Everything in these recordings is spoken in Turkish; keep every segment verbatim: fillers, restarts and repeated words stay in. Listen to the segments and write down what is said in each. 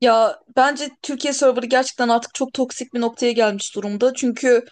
Ya bence Türkiye serverı gerçekten artık çok toksik bir noktaya gelmiş durumda. Çünkü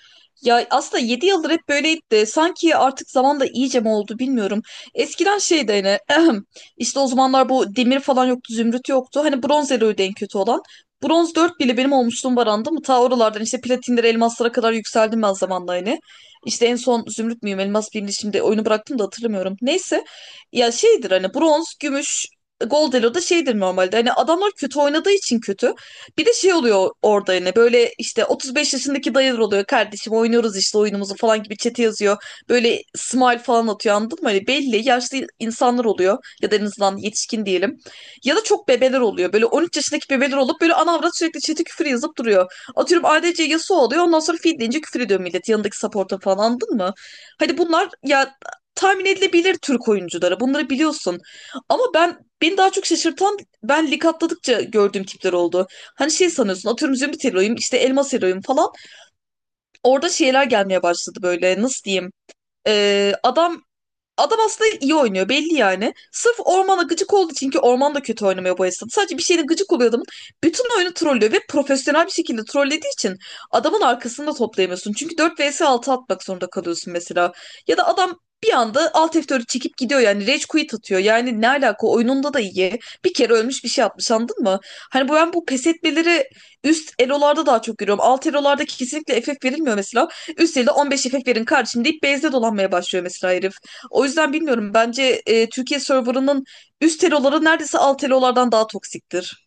ya aslında yedi yıldır hep böyleydi de sanki artık zamanla iyice mi oldu bilmiyorum. Eskiden şeydi hani işte o zamanlar bu demir falan yoktu, zümrüt yoktu. Hani bronz eloydu en kötü olan. Bronz dört bile benim olmuşluğum var, anladın mı? Ta oralardan işte platinlere, elmaslara kadar yükseldim ben zamanla hani. İşte en son zümrüt müyüm, elmas mıyım diye şimdi oyunu bıraktım da hatırlamıyorum. Neyse ya şeydir hani bronz, gümüş. Gol da şeydir normalde hani adamlar kötü oynadığı için kötü. Bir de şey oluyor orada hani böyle işte otuz beş yaşındaki dayılar oluyor, kardeşim oynuyoruz işte oyunumuzu falan gibi chat'e yazıyor. Böyle smile falan atıyor, anladın mı? Hani belli yaşlı insanlar oluyor ya da en azından yetişkin diyelim. Ya da çok bebeler oluyor, böyle on üç yaşındaki bebeler olup böyle ana avrat sürekli chat'e küfür yazıp duruyor. Atıyorum A D C Yasuo oluyor, ondan sonra feed deyince küfür ediyor millet yanındaki support'a falan, anladın mı? Hani bunlar ya tahmin edilebilir Türk oyuncuları, bunları biliyorsun. Ama ben Beni daha çok şaşırtan ben lig atladıkça gördüğüm tipler oldu. Hani şey sanıyorsun, atıyorum zümrüt hero'yum işte elmas hero'yum falan. Orada şeyler gelmeye başladı, böyle nasıl diyeyim. Ee, adam Adam aslında iyi oynuyor belli yani. Sırf ormana gıcık olduğu için, ki orman da kötü oynamıyor bu esnada. Sadece bir şeyle gıcık oluyor adamın. Bütün oyunu trollüyor ve profesyonel bir şekilde trollediği için adamın arkasını da toplayamıyorsun. Çünkü dört vs altı atmak zorunda kalıyorsun mesela. Ya da adam bir anda alt F dörtü çekip gidiyor, yani rage quit atıyor. Yani ne alaka, oyununda da iyi. Bir kere ölmüş bir şey atmış, anladın mı? Hani bu ben bu pes etmeleri üst elolarda daha çok görüyorum. Alt elolarda kesinlikle F F verilmiyor mesela. Üst elde on beş F F verin kardeşim deyip base'de dolanmaya başlıyor mesela herif. O yüzden bilmiyorum. Bence e, Türkiye serverının üst eloları neredeyse alt elolardan daha toksiktir.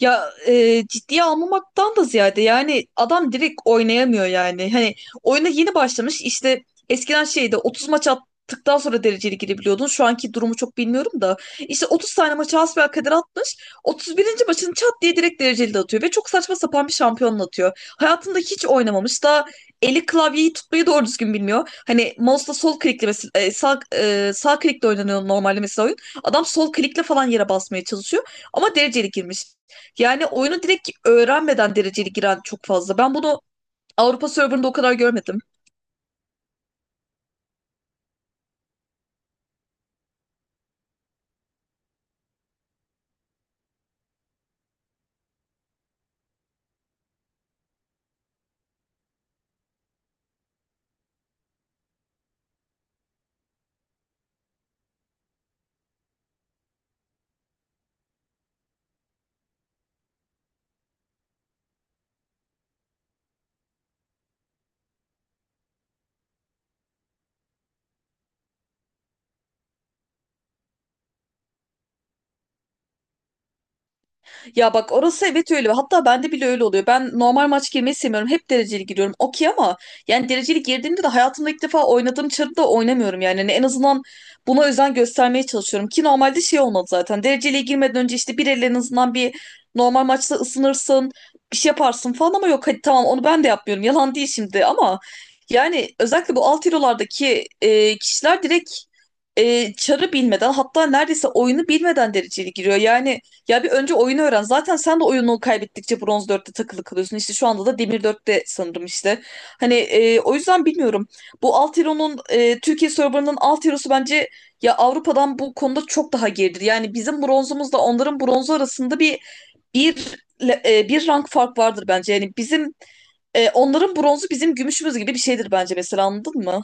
Ya e, ciddiye almamaktan da ziyade yani adam direkt oynayamıyor yani. Hani oyuna yeni başlamış, işte eskiden şeyde otuz maç attıktan sonra dereceli girebiliyordun. Şu anki durumu çok bilmiyorum da. İşte otuz tane maçı hasbelkader atmış. otuz birinci maçını çat diye direkt dereceli de atıyor. Ve çok saçma sapan bir şampiyonla atıyor. Hayatında hiç oynamamış. Daha eli klavyeyi tutmayı doğru düzgün bilmiyor. Hani mouse'la sol klikle mesela, e, sağ, e, sağ klikle oynanıyor normalde mesela oyun. Adam sol klikle falan yere basmaya çalışıyor. Ama dereceli girmiş. Yani oyunu direkt öğrenmeden dereceli giren çok fazla. Ben bunu Avrupa serverında o kadar görmedim. Ya bak orası evet öyle. Hatta bende bile öyle oluyor. Ben normal maç girmeyi sevmiyorum. Hep dereceli giriyorum. Okey, ama yani dereceli girdiğimde de hayatımda ilk defa oynadığım çarıda oynamıyorum yani. Hani en azından buna özen göstermeye çalışıyorum. Ki normalde şey olmadı zaten. Dereceliye girmeden önce işte bir el en azından bir normal maçta ısınırsın. Bir şey yaparsın falan, ama yok hadi tamam, onu ben de yapmıyorum. Yalan değil şimdi, ama yani özellikle bu alt hero'lardaki e, kişiler direkt e, çarı bilmeden, hatta neredeyse oyunu bilmeden dereceli giriyor. Yani ya bir önce oyunu öğren. Zaten sen de oyunu kaybettikçe bronz dörtte takılı kalıyorsun. İşte şu anda da demir dörtte sanırım işte. Hani e, o yüzden bilmiyorum. Bu Altero'nun e, Türkiye serverının Altero'su bence ya Avrupa'dan bu konuda çok daha geridir. Yani bizim bronzumuzla onların bronzu arasında bir bir le- e, bir rank fark vardır bence. Yani bizim e, onların bronzu bizim gümüşümüz gibi bir şeydir bence mesela, anladın mı?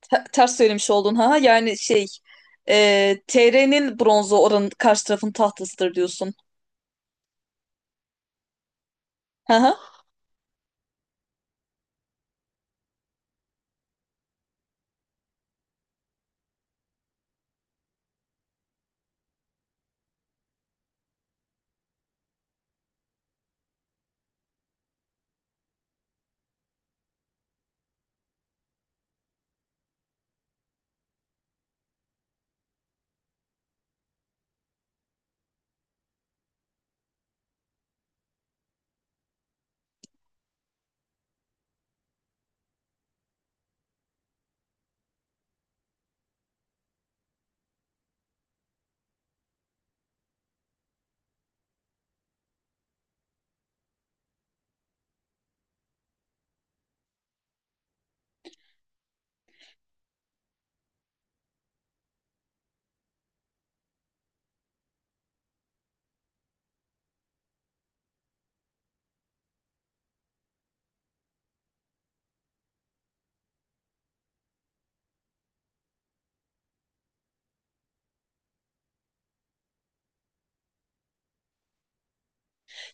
Te- ters söylemiş oldun ha. Yani şey, e, T R'nin bronzu oranın karşı tarafın tahtasıdır diyorsun.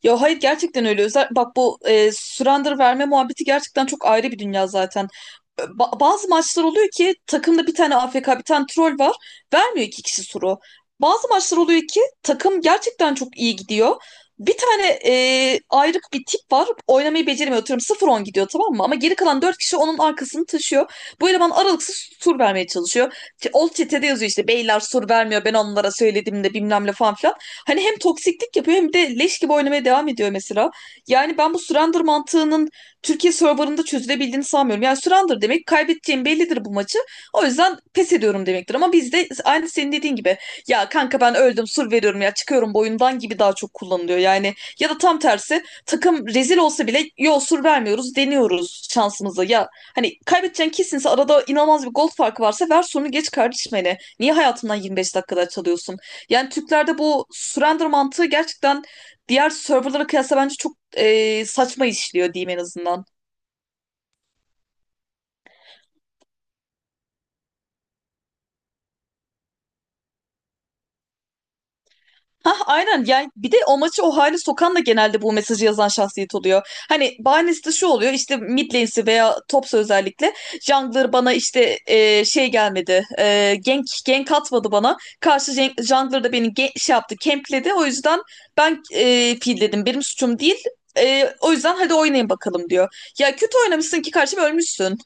Ya hayır, gerçekten öyle. Özel, bak, bu e, surrender verme muhabbeti gerçekten çok ayrı bir dünya zaten. Ba- bazı maçlar oluyor ki takımda bir tane A F K, bir tane troll var. Vermiyor iki kişi suru. Bazı maçlar oluyor ki takım gerçekten çok iyi gidiyor. Bir tane e, ayrık bir tip var. Oynamayı beceremiyor. Atıyorum sıfır on gidiyor, tamam mı? Ama geri kalan dört kişi onun arkasını taşıyor. Bu eleman aralıksız tur vermeye çalışıyor. Old O çetede yazıyor işte, beyler soru vermiyor, ben onlara söyledim de bilmem ne falan filan. Hani hem toksiklik yapıyor hem de leş gibi oynamaya devam ediyor mesela. Yani ben bu surrender mantığının Türkiye serverında çözülebildiğini sanmıyorum. Yani surrender demek kaybedeceğim bellidir bu maçı. O yüzden pes ediyorum demektir. Ama bizde aynı senin dediğin gibi, ya kanka ben öldüm sur veriyorum ya çıkıyorum boyundan gibi daha çok kullanılıyor. Yani ya da tam tersi takım rezil olsa bile yo sur vermiyoruz, deniyoruz şansımıza. Ya hani kaybedeceğin kesinse, arada inanılmaz bir gol farkı varsa ver sorunu geç kardeşim hele. Niye hayatından yirmi beş dakikada çalıyorsun? Yani Türklerde bu surrender mantığı gerçekten diğer serverlara kıyasla bence çok e, saçma işliyor diyeyim en azından. Hah aynen, yani bir de o maçı o hale sokan da genelde bu mesajı yazan şahsiyet oluyor. Hani bahanesi de şu oluyor, işte mid lane'si veya topsa özellikle jungler bana, işte e, şey gelmedi, e, gank, gank atmadı bana. Karşı jen- jungler da beni ge- şey yaptı, campledi, o yüzden ben e, dedim benim suçum değil. E, o yüzden hadi oynayın bakalım diyor. Ya kötü oynamışsın ki karşıma ölmüşsün.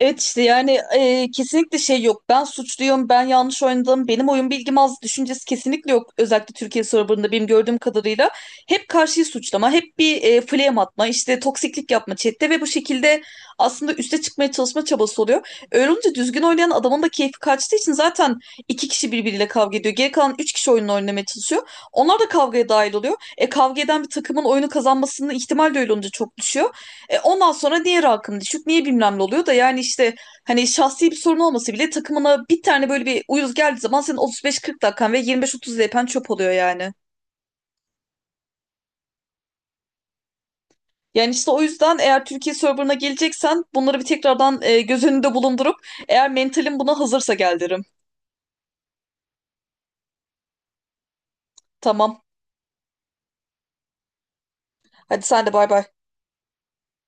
Evet işte yani, e, kesinlikle şey yok. Ben suçluyum, ben yanlış oynadım, benim oyun bilgim az düşüncesi kesinlikle yok. Özellikle Türkiye serverında benim gördüğüm kadarıyla hep karşıyı suçlama, hep bir e, flame atma, işte toksiklik yapma chatte ve bu şekilde aslında üste çıkmaya çalışma çabası oluyor. Öyle olunca düzgün oynayan adamın da keyfi kaçtığı için zaten iki kişi birbiriyle kavga ediyor. Geri kalan üç kişi oyununu oynamaya çalışıyor. Onlar da kavgaya dahil oluyor. E kavga eden bir takımın oyunu kazanmasının ihtimal de öyle olunca çok düşüyor. E, ondan sonra diğer halkın düşük niye bilmem ne oluyor da, yani işte hani şahsi bir sorun olması bile, takımına bir tane böyle bir uyuz geldiği zaman senin otuz beş kırk dakikan ve yirmi beş otuz D P'n çöp oluyor yani. Yani işte o yüzden eğer Türkiye serverına geleceksen bunları bir tekrardan e, göz önünde bulundurup, eğer mentalin buna hazırsa gel derim. Tamam. Hadi sen de bay bay.